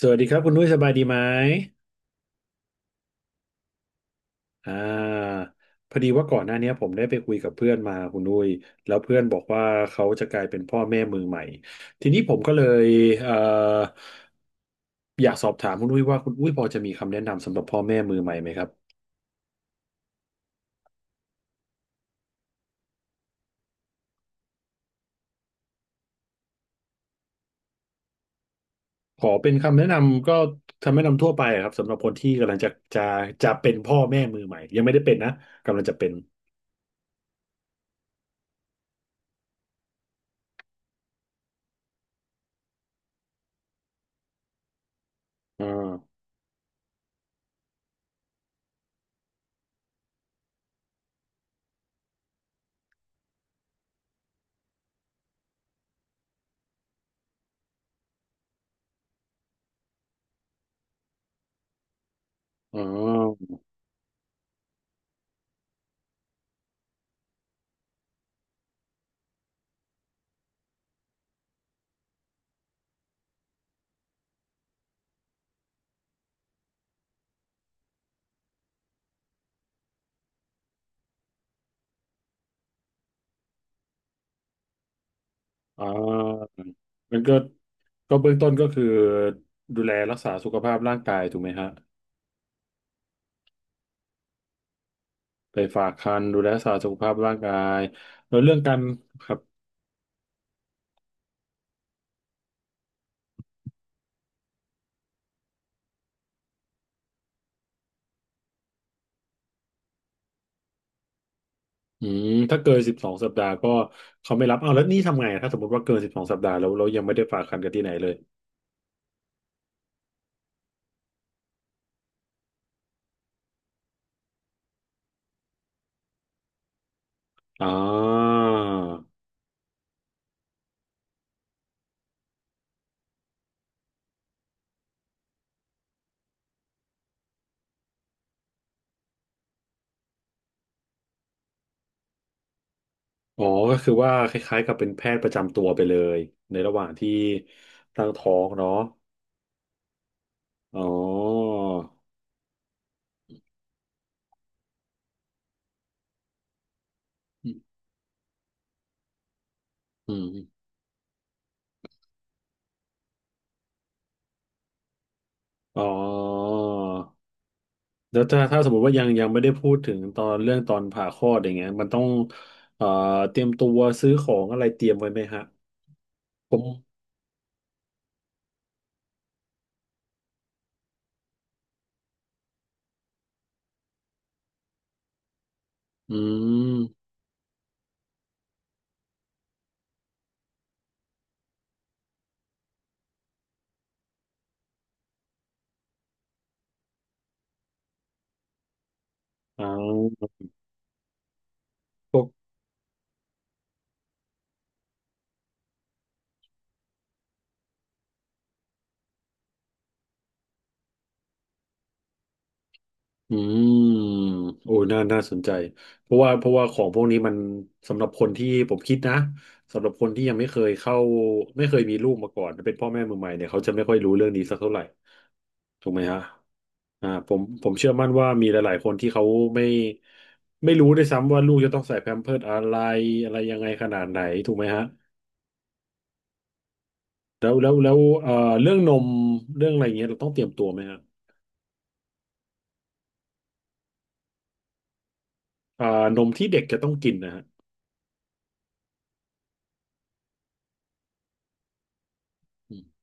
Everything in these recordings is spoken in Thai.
สวัสดีครับคุณนุ้ยสบายดีไหมอ่าพอดีว่าก่อนหน้าเนี้ยผมได้ไปคุยกับเพื่อนมาคุณนุ้ยแล้วเพื่อนบอกว่าเขาจะกลายเป็นพ่อแม่มือใหม่ทีนี้ผมก็เลยเอ่ออยากสอบถามคุณนุ้ยว่าคุณนุ้ยพอจะมีคำแนะนำสำหรับพ่อแม่มือใหม่ไหมครับขอเป็นคำแนะนำก็คำแนะนำทั่วไปอะครับสำหรับคนที่กำลังจะจะจะเป็นพ่อแม่มือใหม่ยังไม่ได้เป็นนะกำลังจะเป็นอ่าอ๋อ อ่ามันก็เบื้องต้นก็คือดูแลรักษาสุขภาพร่างกายถูกไหมฮะไปฝากครรภ์ดูแลรักษาสุขภาพร่างกายแล้วเรื่องการครับอืมถ้าเกินสิบสองสัปดาห์ก็เขาไม่รับเอาวแล้วนี่ทำไงถ้าสมมติว่าเกินสิบสองสัปดาห์แล้วเรายังไม่ได้ฝากครรภ์กันที่ไหนเลยอ่าอ๋อก็คือว่าคล้ายๆกับเป็นแพทย์ประจำตัวไปเลยในระหว่างที่ตั้งท้องเนาะอ๋ออืมอ๋อ แล้วถ้าสมมติว่ายังไม่ได้พูดถึงตอนเรื่องตอนผ่าคลอดอย่างเงี้ยมันต้องเอ่อเตรียมตัวซื้อของอะไรเตรียมไว้ไหมฮะผมอืมอ่าพวกอืมโอ้ยน่าน่าสนใจเพราะว่าของพวกนี้มันสำหรับคนที่ผมคิดนะสำหรับคนที่ยังไม่เคยเข้าไม่เคยมีลูกมาก่อนเป็นพ่อแม่มือใหม่เนี่ยเขาจะไม่ค่อยรู้เรื่องนี้สักเท่าไหร่ ถูกไหมฮะอ่าผมเชื่อมั่นว่ามีหลายๆคนที่เขาไม่รู้ด้วยซ้ำว่าลูกจะต้องใส่แพมเพิร์สอะไรอะไรยังไงขนาดไหนถูกไหมฮะแล้วแล้วแล้วเรื่องนมเรื่องอะไรอย่างเงี้ยเราต้องเตรียมตัวไหมฮะอ่านมที่เด็กจะต้องกินนะฮะอม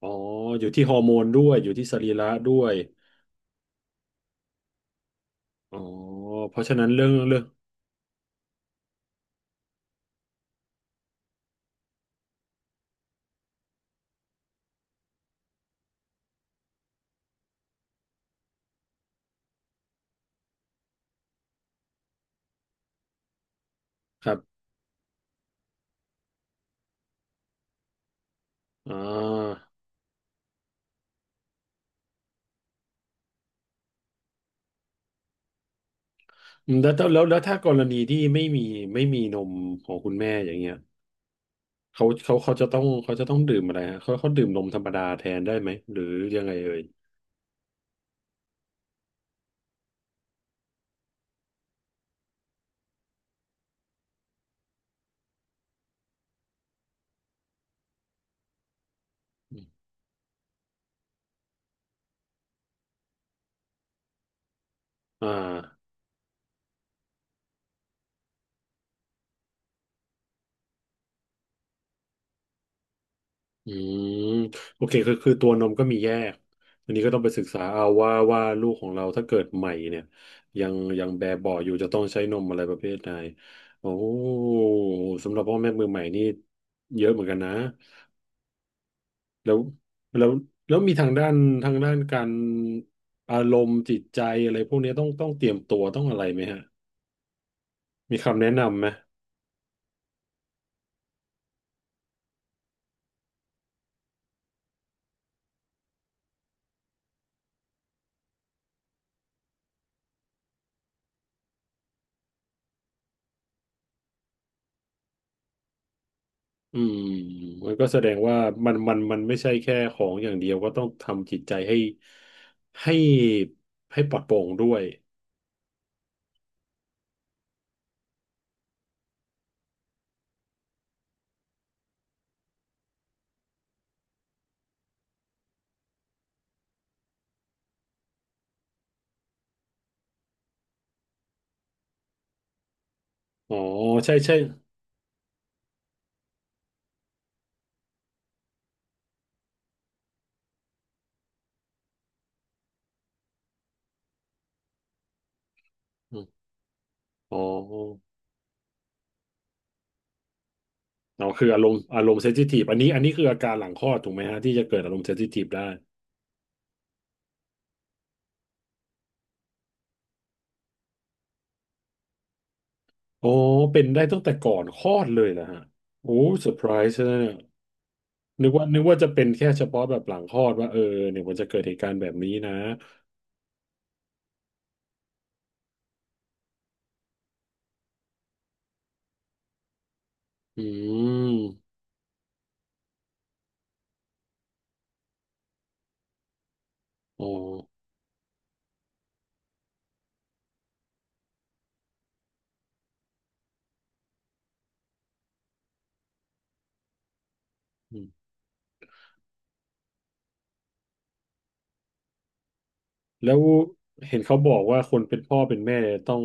อ๋ออยู่ที่ฮอร์โมนด้วยอยู่ที่สรีระด้วยอ๋อเพราะฉะนั้นเรื่องเรื่องครับอ่าอืมแล้วแล้วแล้วแล้วถ้ากรณีที่ไม่มีไม่มีนมของคุณแม่อย่างเงี้ย เขาเขาเขาจะต้องเขาจะต้องดื่มอะไรฮะเขาเขาดื่มนมธรรมดาแทนได้ไหมหรือยังไงเอ่ยอือ่าอืมโอเคคือคือตัวนมก็มีแยกอันนี้ก็ต้องไปศึกษาเอาว่าลูกของเราถ้าเกิดใหม่เนี่ยยังแบบเบาะอยู่จะต้องใช้นมอะไรประเภทไหนโอ้สำหรับพ่อแม่มือใหม่นี่เยอะเหมือนกันนะแล้วแล้วแล้วมีทางด้านทางด้านการอารมณ์จิตใจอะไรพวกนี้ต้องเตรียมตัวต้องอะไรไหมฮะมีคำแนะนำไหม อืมมันก็แสดงว่ามันมันไม่ใช่แค่ของอย่างเดียวก็ต้องทำจิตใจให้ให้ให้ปลอดโปร่งด้วยอ๋อใช่ใช่อมอ๋ออ๋อคืออารมณ์อารมณ์เซนซิทีฟอันนี้อันนี้คืออาการหลังคลอดถูกไหมฮะที่จะเกิดอารมณ์เซนซิทีฟได้อ๋อเป็นได้ตั้งแต่ก่อนคลอดเลยเหรอฮะโอ้เซอร์ไพรส์นะเนี่ยนึกว่าจะเป็นแค่เฉพาะแบบหลังคลอดว่าเออเนี่ยมันจะเกิดเหตุการณ์แบบนี้นะอืมอ๋อ แล้วเห็นเขาบอกว่าคนเป็นพ่อเป็นแม่เนี่ยต้อง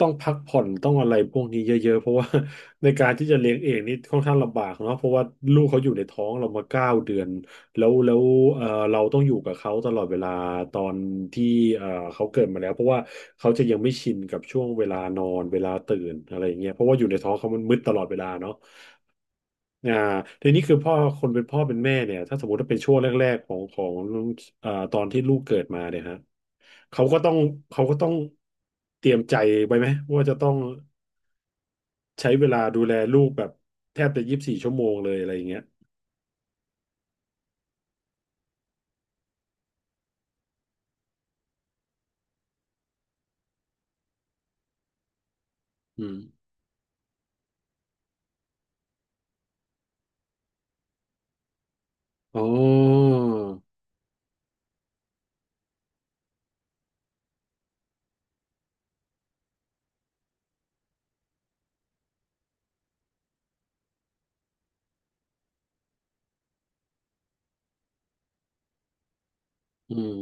พักผ่อนต้องอะไรพวกนี้เยอะๆเพราะว่า ในการที่จะเลี้ยงเองนี่ค่อนข้างลำบากเนาะเพราะว่าลูกเขาอยู่ในท้องเรามา9 เดือนแล้วเอ่อเราต้องอยู่กับเขาตลอดเวลาตอนที่เอ่อเขาเกิดมาแล้วเพราะว่าเขาจะยังไม่ชินกับช่วงเวลานอนเวลาตื่นอะไรอย่างเงี้ยเพราะว่าอยู่ในท้องเขามันมืดตลอดเวลาเนาะ อ่าทีนี้คือพ่อคนเป็นพ่อเป็นแม่เนี่ยถ้าสมมติว่าเป็นช่วงแรกๆของของอ่าตอนที่ลูกเกิดมาเนี่ยฮะเขาก็ต้องเขาก็ต้องเตรียมใจไว้ไหมว่าจะต้องใช้เวลาดูแลลูกแบบแทบจะ24 ชั่วโมงเลยอะไรอย่างเงี้ยอืมอ๋ออืม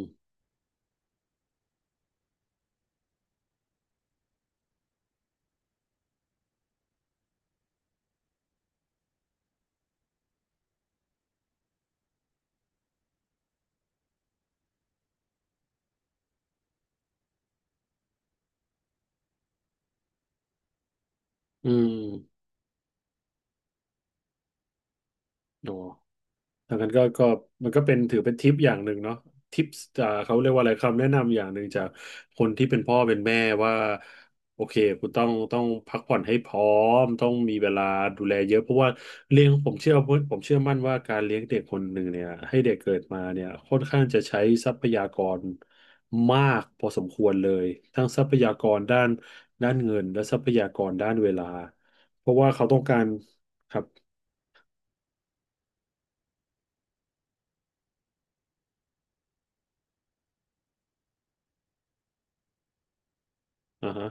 อืมอ๋อ ดังนั้นก็มันก็เป็นถือเป็นทิปอย่างหนึ่งเนาะทิปเขาเรียกว่าอะไรคำแนะนำอย่างหนึ่งจากคนที่เป็นพ่อเป็นแม่ว่าโอเคคุณต้องพักผ่อนให้พร้อมต้องมีเวลาดูแลเยอะเพราะว่าเลี้ยงผมเชื่อมั่นว่าการเลี้ยงเด็กคนหนึ่งเนี่ยให้เด็กเกิดมาเนี่ยค่อนข้างจะใช้ทรัพยากรมากพอสมควรเลยทั้งทรัพยากรด้านเงินและทรัพยากรด้านเวลาเพราะว่าเขาต้องการครับอ่าฮะ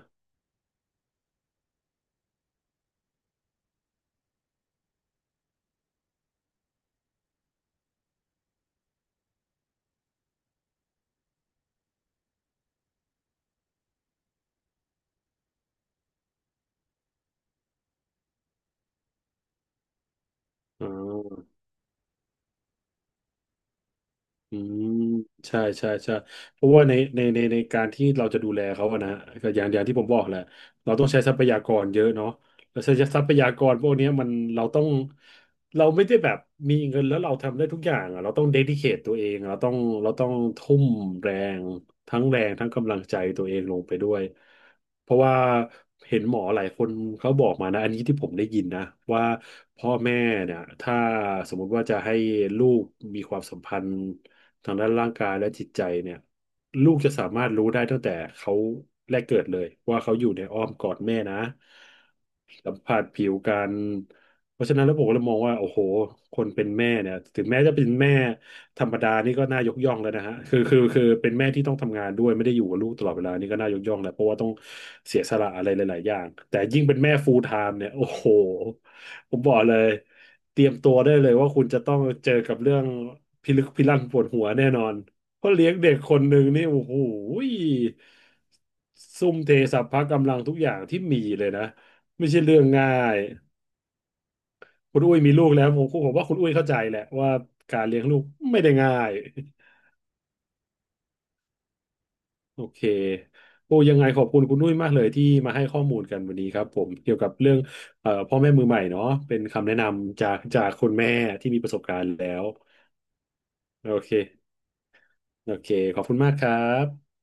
อ๋อ อืมใช่ใช่ใช่เพราะว่าในการที่เราจะดูแลเขาอะนะก็อย่างที่ผมบอกแหละเราต้องใช้ทรัพยากรเยอะเนาะแล้วใช้ทรัพยากรพวกเนี้ยมันเราต้องเราไม่ได้แบบมีเงินแล้วเราทำได้ทุกอย่างอะเราต้องเดดิเคทตัวเองเราต้องทุ่มแรงทั้งแรงทั้งกำลังใจตัวเองลงไปด้วยเพราะว่าเห็นหมอหลายคนเขาบอกมานะอันนี้ที่ผมได้ยินนะว่าพ่อแม่เนี่ยถ้าสมมุติว่าจะให้ลูกมีความสัมพันธ์ ทางด้านร่างกายและจิตใจเนี่ยลูกจะสามารถรู้ได้ตั้งแต่เขาแรกเกิดเลยว่าเขาอยู่ในอ้อมกอดแม่นะสัมผัสผิวกันเพราะฉะนั้นแล้วผมก็เลยมองว่าโอ้โหคนเป็นแม่เนี่ยถึงแม้จะเป็นแม่ธรรมดานี่ก็น่ายกย่องแล้วนะฮะคือเป็นแม่ที่ต้องทำงานด้วยไม่ได้อยู่กับลูกตลอดเวลานี่ก็น่ายกย่องแหละเพราะว่าต้องเสียสละอะไรหลายๆอย่างแต่ยิ่งเป็นแม่ full time เนี่ยโอ้โหผมบอกเลย เตรียมตัวได้เลยว่าคุณจะต้องเจอกับเรื่องพิลึกพิลั่นปวดหัวแน่นอนเพราะเลี้ยงเด็กคนหนึ่งนี่โอ้โหซุ่มเทสรรพกำลังทุกอย่างที่มีเลยนะไม่ใช่เรื่องง่ายคุณอุ้ยมีลูกแล้วผมว่าคุณอุ้ยเข้าใจแหละว่าการเลี้ยงลูกไม่ได้ง่ายโอเคโอ้ยังไงขอบคุณคุณนุ้ยมากเลยที่มาให้ข้อมูลกันวันนี้ครับผมเกี่ยวกับเรื่องพ่อแม่มือใหม่เนาะเป็นคำแนะนำจากคุณแม่ที่มีประสบการณ์แล้วโอเค โอเค ขอบคุณมากครับ